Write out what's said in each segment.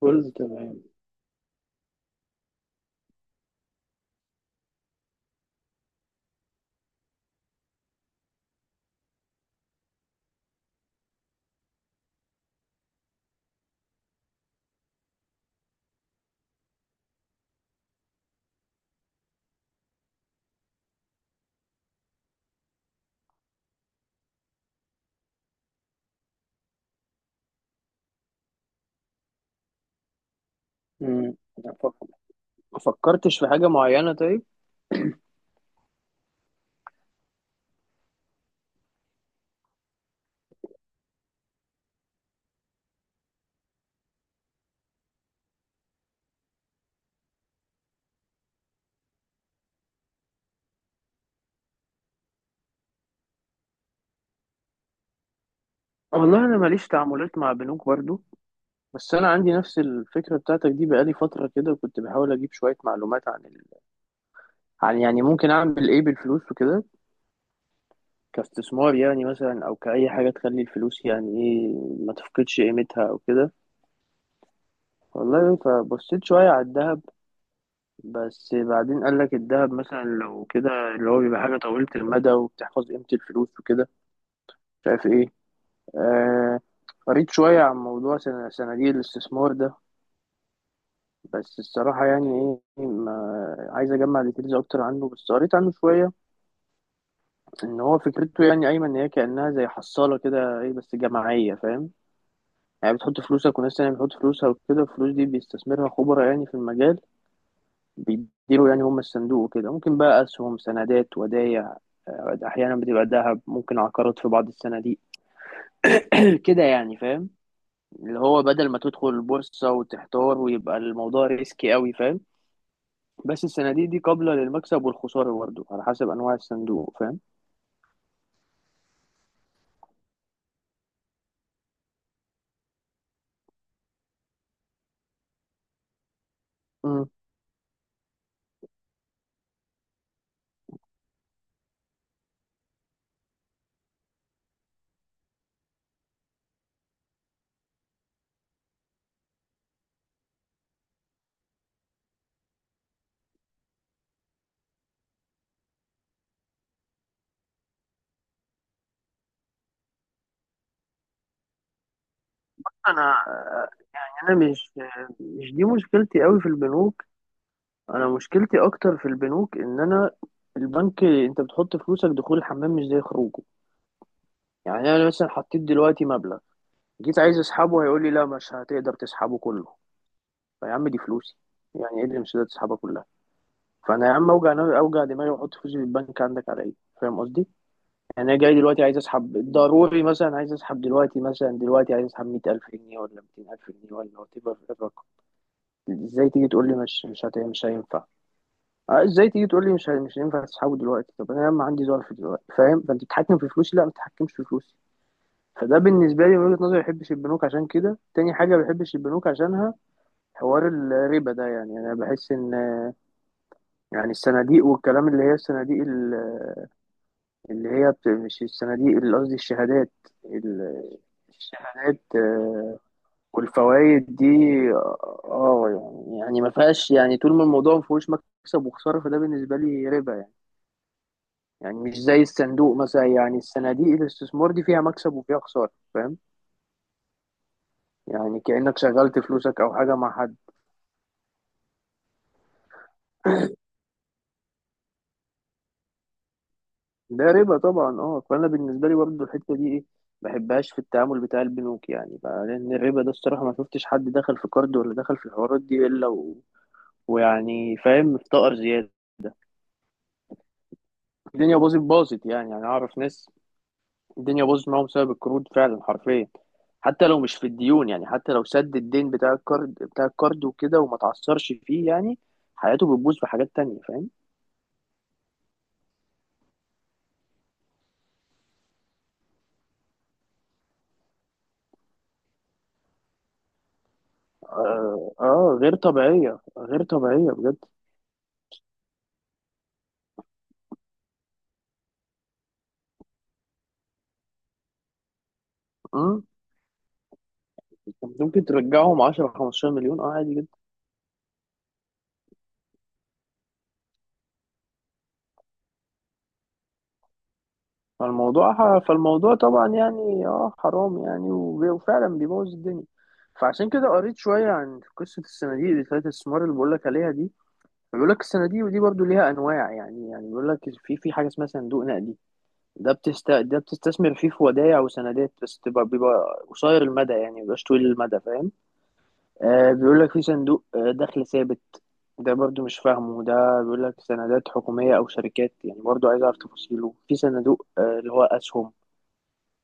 كله تمام. مم. ما فكرتش في حاجة معينة. طيب، والله أنا ماليش تعاملات مع بنوك برضو. بس أنا عندي نفس الفكرة بتاعتك دي بقالي فترة كده، كنت بحاول أجيب شوية معلومات عن يعني ممكن أعمل إيه بالفلوس وكده، كاستثمار يعني مثلا، أو كأي حاجة تخلي الفلوس يعني إيه، ما تفقدش قيمتها أو كده. والله فبصيت شوية على الذهب، بس بعدين قال لك الذهب مثلا لو كده، اللي هو بيبقى حاجة طويلة المدى وبتحفظ قيمة الفلوس وكده، مش عارف إيه. آه، قريت شوية عن موضوع صناديق الاستثمار ده. بس الصراحة يعني إيه، ما عايز أجمع ديتيلز أكتر عنه، بس قريت عنه شوية. إن هو فكرته يعني أيمن، إن هي كأنها زي حصالة كده إيه، بس جماعية، فاهم؟ يعني بتحط فلوسك وناس تانية بتحط فلوسها وكده، الفلوس دي بيستثمرها خبراء يعني في المجال، بيديروا يعني هم الصندوق وكده، ممكن بقى أسهم، سندات، ودايع، أحيانا بتبقى ذهب، ممكن عقارات في بعض الصناديق. كده يعني، فاهم؟ اللي هو بدل ما تدخل البورصة وتحتار ويبقى الموضوع ريسكي قوي، فاهم؟ بس الصناديق دي قابلة للمكسب والخسارة برضه على حسب أنواع الصندوق، فاهم؟ مم. أنا أنا مش دي مشكلتي قوي في البنوك. أنا مشكلتي أكتر في البنوك إن أنا البنك، أنت بتحط فلوسك، دخول الحمام مش زي خروجه. يعني أنا مثلا حطيت دلوقتي مبلغ، جيت عايز أسحبه، هيقول لي لا مش هتقدر تسحبه كله. فيا عم دي فلوسي، يعني إيه اللي مش هتقدر تسحبها كلها؟ فانا يا عم اوجع دماغي واحط فلوسي في البنك عندك على ايه؟ فاهم قصدي؟ يعني انا جاي دلوقتي عايز اسحب ضروري، مثلا عايز اسحب دلوقتي، مثلا دلوقتي عايز اسحب 100,000 جنيه ولا 200,000 جنيه ولا وات ايفر الرقم. ازاي تيجي تقول لي مش هينفع؟ ازاي تيجي تقول لي مش هينفع تسحبه دلوقتي؟ طب انا يا عم عندي ظرف دلوقتي، فاهم؟ فانت بتتحكم في فلوسي؟ لا، ما تتحكمش في فلوسي. فده بالنسبه لي من وجهه نظري، ما بحبش البنوك عشان كده. تاني حاجه ما بحبش البنوك عشانها، حوار الربا ده. يعني انا بحس ان، يعني الصناديق والكلام، اللي هي الصناديق مش السنة دي اللي قصدي، الشهادات. ال- الشهادات والفوائد دي. اه يعني، ما فيهاش يعني، طول ما الموضوع ما فيهوش مكسب وخسارة، فده بالنسبة لي ربا يعني. يعني مش زي الصندوق مثلا، يعني الصناديق الاستثمار دي فيها مكسب وفيها خسارة، فاهم؟ يعني كأنك شغلت فلوسك أو حاجة مع حد. ده ربا طبعا. اه فأنا بالنسبة لي برضه الحتة دي ايه، ما بحبهاش في التعامل بتاع البنوك يعني بقى، لأن الربا ده الصراحة ما شفتش حد دخل في كارد ولا دخل في الحوارات دي إلا ويعني فاهم، مفتقر زيادة. الدنيا باظت باظت يعني أعرف ناس، الدنيا باظت معاهم بسبب القروض فعلا، حرفيا. حتى لو مش في الديون، يعني حتى لو سد الدين بتاع الكارد، وكده وما تعثرش فيه يعني، حياته بتبوظ في حاجات تانية، فاهم؟ غير طبيعية، غير طبيعية بجد. مم. ممكن ترجعهم 10 15 مليون، عادي جدا. فالموضوع فالموضوع طبعا يعني حرام يعني، وفعلا بيبوظ الدنيا. فعشان كده قريت شوية عن قصة الصناديق اللي بتاعت الاستثمار اللي بقولك عليها دي. بيقول لك الصناديق دي برضو ليها أنواع يعني بيقول لك في حاجة اسمها صندوق نقدي. ده بتستثمر فيه في ودائع وسندات، بس تبقى بيبقى قصير المدى يعني، مبيبقاش طويل المدى، فاهم؟ بيقول لك في صندوق دخل ثابت، ده برضو مش فاهمه. ده بيقول لك سندات حكومية أو شركات يعني، برضو عايز أعرف تفاصيله. في صندوق اللي هو أسهم،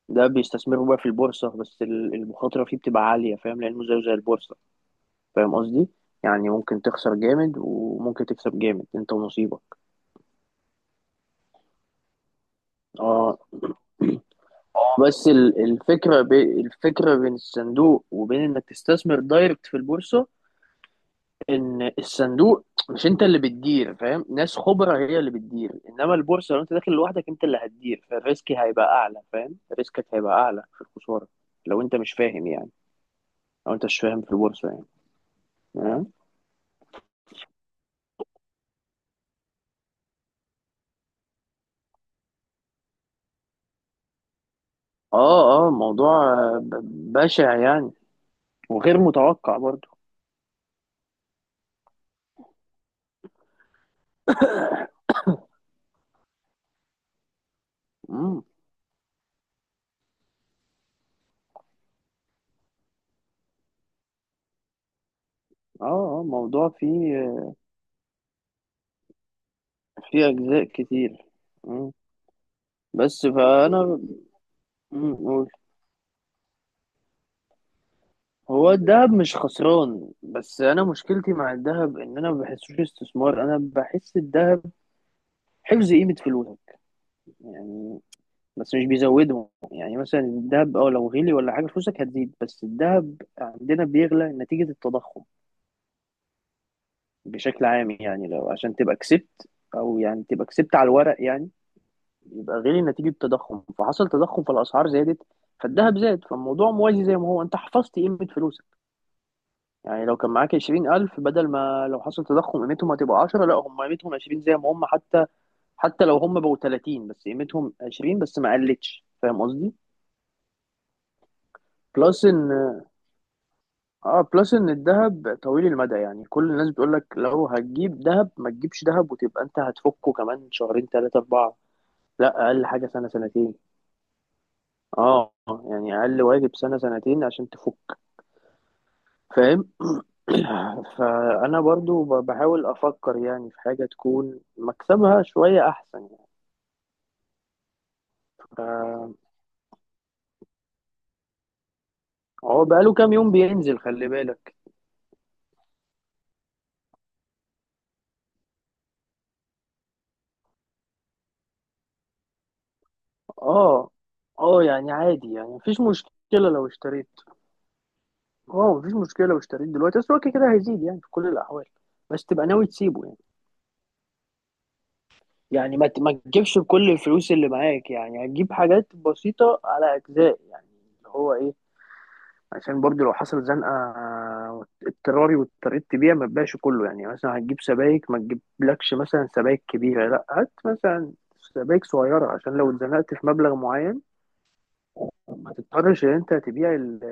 ده بيستثمروا بقى في البورصة، بس المخاطرة فيه بتبقى عالية، فاهم؟ لأنه زيه زي البورصة، فاهم قصدي؟ يعني ممكن تخسر جامد وممكن تكسب جامد، انت ونصيبك. اه بس الفكرة بين الصندوق وبين انك تستثمر دايركت في البورصة، ان الصندوق مش انت اللي بتدير، فاهم؟ ناس خبرة هي اللي بتدير. انما البورصة لو انت داخل لوحدك، انت اللي هتدير، فالريسك هيبقى اعلى، فاهم؟ ريسكك هيبقى اعلى في الخسارة، لو انت مش فاهم يعني، لو انت مش فاهم في البورصة يعني. آه. اه موضوع بشع يعني. وغير متوقع برضو. امم اه اه موضوع فيه فيه اجزاء كتير. مم. بس فانا، مم، قول. هو الذهب مش خسران، بس انا مشكلتي مع الذهب ان انا ما بحسوش استثمار، انا بحس الذهب حفظ قيمة فلوسك يعني، بس مش بيزودهم. يعني مثلا الذهب لو غلي ولا حاجة فلوسك هتزيد، بس الذهب عندنا بيغلى نتيجة التضخم بشكل عام، يعني لو عشان تبقى كسبت، او يعني تبقى كسبت على الورق يعني، يبقى غير نتيجة التضخم، فحصل تضخم فالاسعار زادت فالذهب زاد، فالموضوع موازي زي ما هو، انت حفظت قيمة فلوسك يعني. لو كان معاك 20,000، بدل ما لو حصل تضخم قيمتهم هتبقى 10، لا هم قيمتهم 20 زي ما هم حتى. حتى لو هم بقوا 30 بس قيمتهم 20، بس ما قلتش، فاهم قصدي؟ بلس ان، اه بلس ان الذهب طويل المدى يعني، كل الناس بتقول لك لو هتجيب ذهب ما تجيبش ذهب وتبقى انت هتفكه كمان شهرين ثلاثة أربعة، لا اقل حاجه سنه سنتين. اه يعني اقل واجب سنه سنتين عشان تفك، فاهم؟ فانا برضو بحاول افكر يعني في حاجه تكون مكسبها شويه احسن يعني. ف- هو بقاله كام يوم بينزل، خلي بالك. اه اه يعني عادي يعني مفيش مشكله لو اشتريت. اه مفيش مشكله لو اشتريت دلوقتي بس هو كده كده هيزيد يعني في كل الاحوال، بس تبقى ناوي تسيبه يعني. يعني ما تجيبش بكل الفلوس اللي معاك، يعني هتجيب حاجات بسيطه على اجزاء يعني. اللي هو ايه، عشان برضو لو حصلت زنقة اضطراري واضطريت تبيع، ما تبيعش كله. يعني مثلا هتجيب سبايك، ما تجيبلكش مثلا سبايك كبيرة، لا هات مثلا سبايك صغيرة، عشان لو اتزنقت في مبلغ معين ما تضطرش ان انت تبيع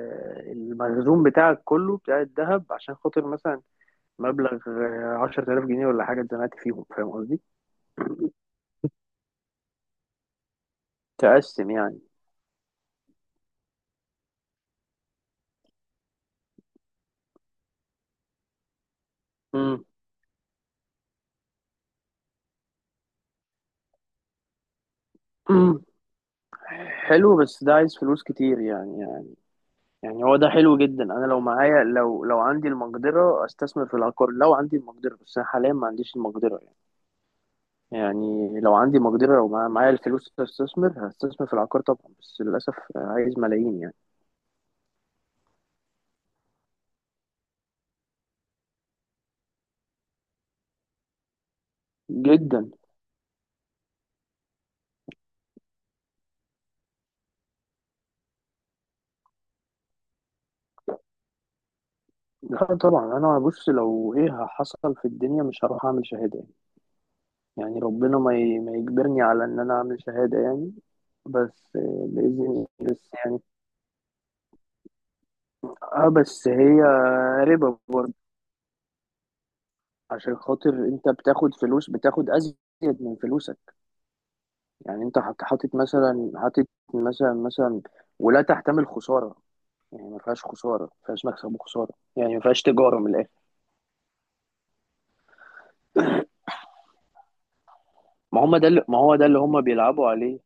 المخزون بتاعك كله بتاع الذهب عشان خاطر مثلا مبلغ 10,000 جنيه ولا حاجة اتزنقت فيهم، فاهم قصدي؟ تقسم يعني. مم. مم. حلو، بس ده عايز فلوس كتير يعني. يعني هو ده حلو جدا، انا لو معايا، لو عندي المقدره استثمر في العقار. لو عندي المقدره، بس انا حاليا ما عنديش المقدره يعني. يعني لو عندي مقدره، لو معايا الفلوس، استثمر هستثمر في العقار طبعا، بس للاسف عايز ملايين يعني. جدا. لا طبعا انا بص، لو ايه حصل في الدنيا مش هروح اعمل شهاده يعني. يعني ربنا ما يجبرني على ان انا اعمل شهاده يعني. بس باذن، بس يعني. اه بس هي ربا برضه، عشان خاطر انت بتاخد فلوس، بتاخد ازيد من فلوسك. يعني انت حاطط مثلا، ولا تحتمل خساره، يعني ما فيهاش خساره، ما فيهاش مكسب وخساره يعني، ما فيهاش تجاره من الاخر. ما هو ده اللي هم بيلعبوا عليه،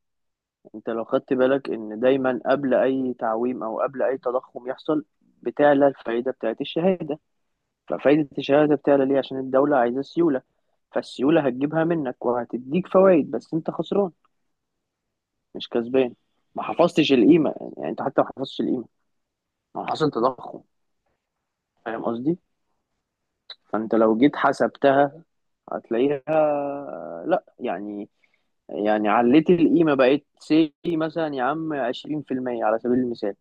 انت لو خدت بالك ان دايما قبل اي تعويم او قبل اي تضخم يحصل بتعلى الفائده بتاعت الشهاده. ففائده الشهاده بتعلى ليه؟ عشان الدوله عايزه سيوله، فالسيوله هتجيبها منك وهتديك فوائد بس انت خسران مش كسبان. ما حفظتش القيمه يعني، انت حتى ما حفظتش القيمه، ما حصل تضخم، فاهم قصدي؟ فانت لو جيت حسبتها هتلاقيها لا يعني. يعني عليت القيمه، بقت سي مثلا يا عم 20% على سبيل المثال.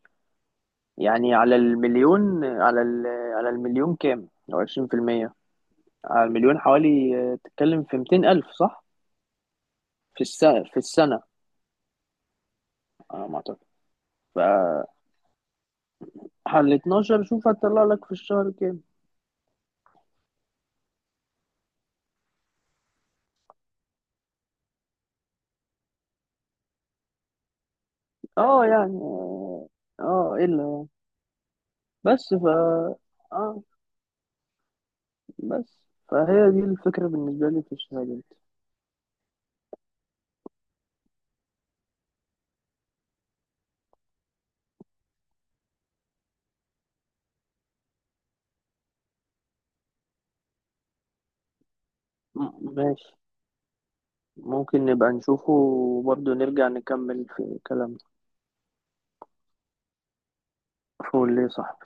يعني على المليون، على المليون كام لو 20%؟ على المليون حوالي، تتكلم في 200,000، صح؟ في السنه، في السنه على ما اعتقد. ف على 12 شوف هتطلع لك في الشهر كام. اه يعني، اه الا. بس ف اه بس فهي دي الفكرة بالنسبة لي في الشهادات. ماشي، ممكن نبقى نشوفه وبرضه نرجع نكمل في كلامنا. فول ليه صح.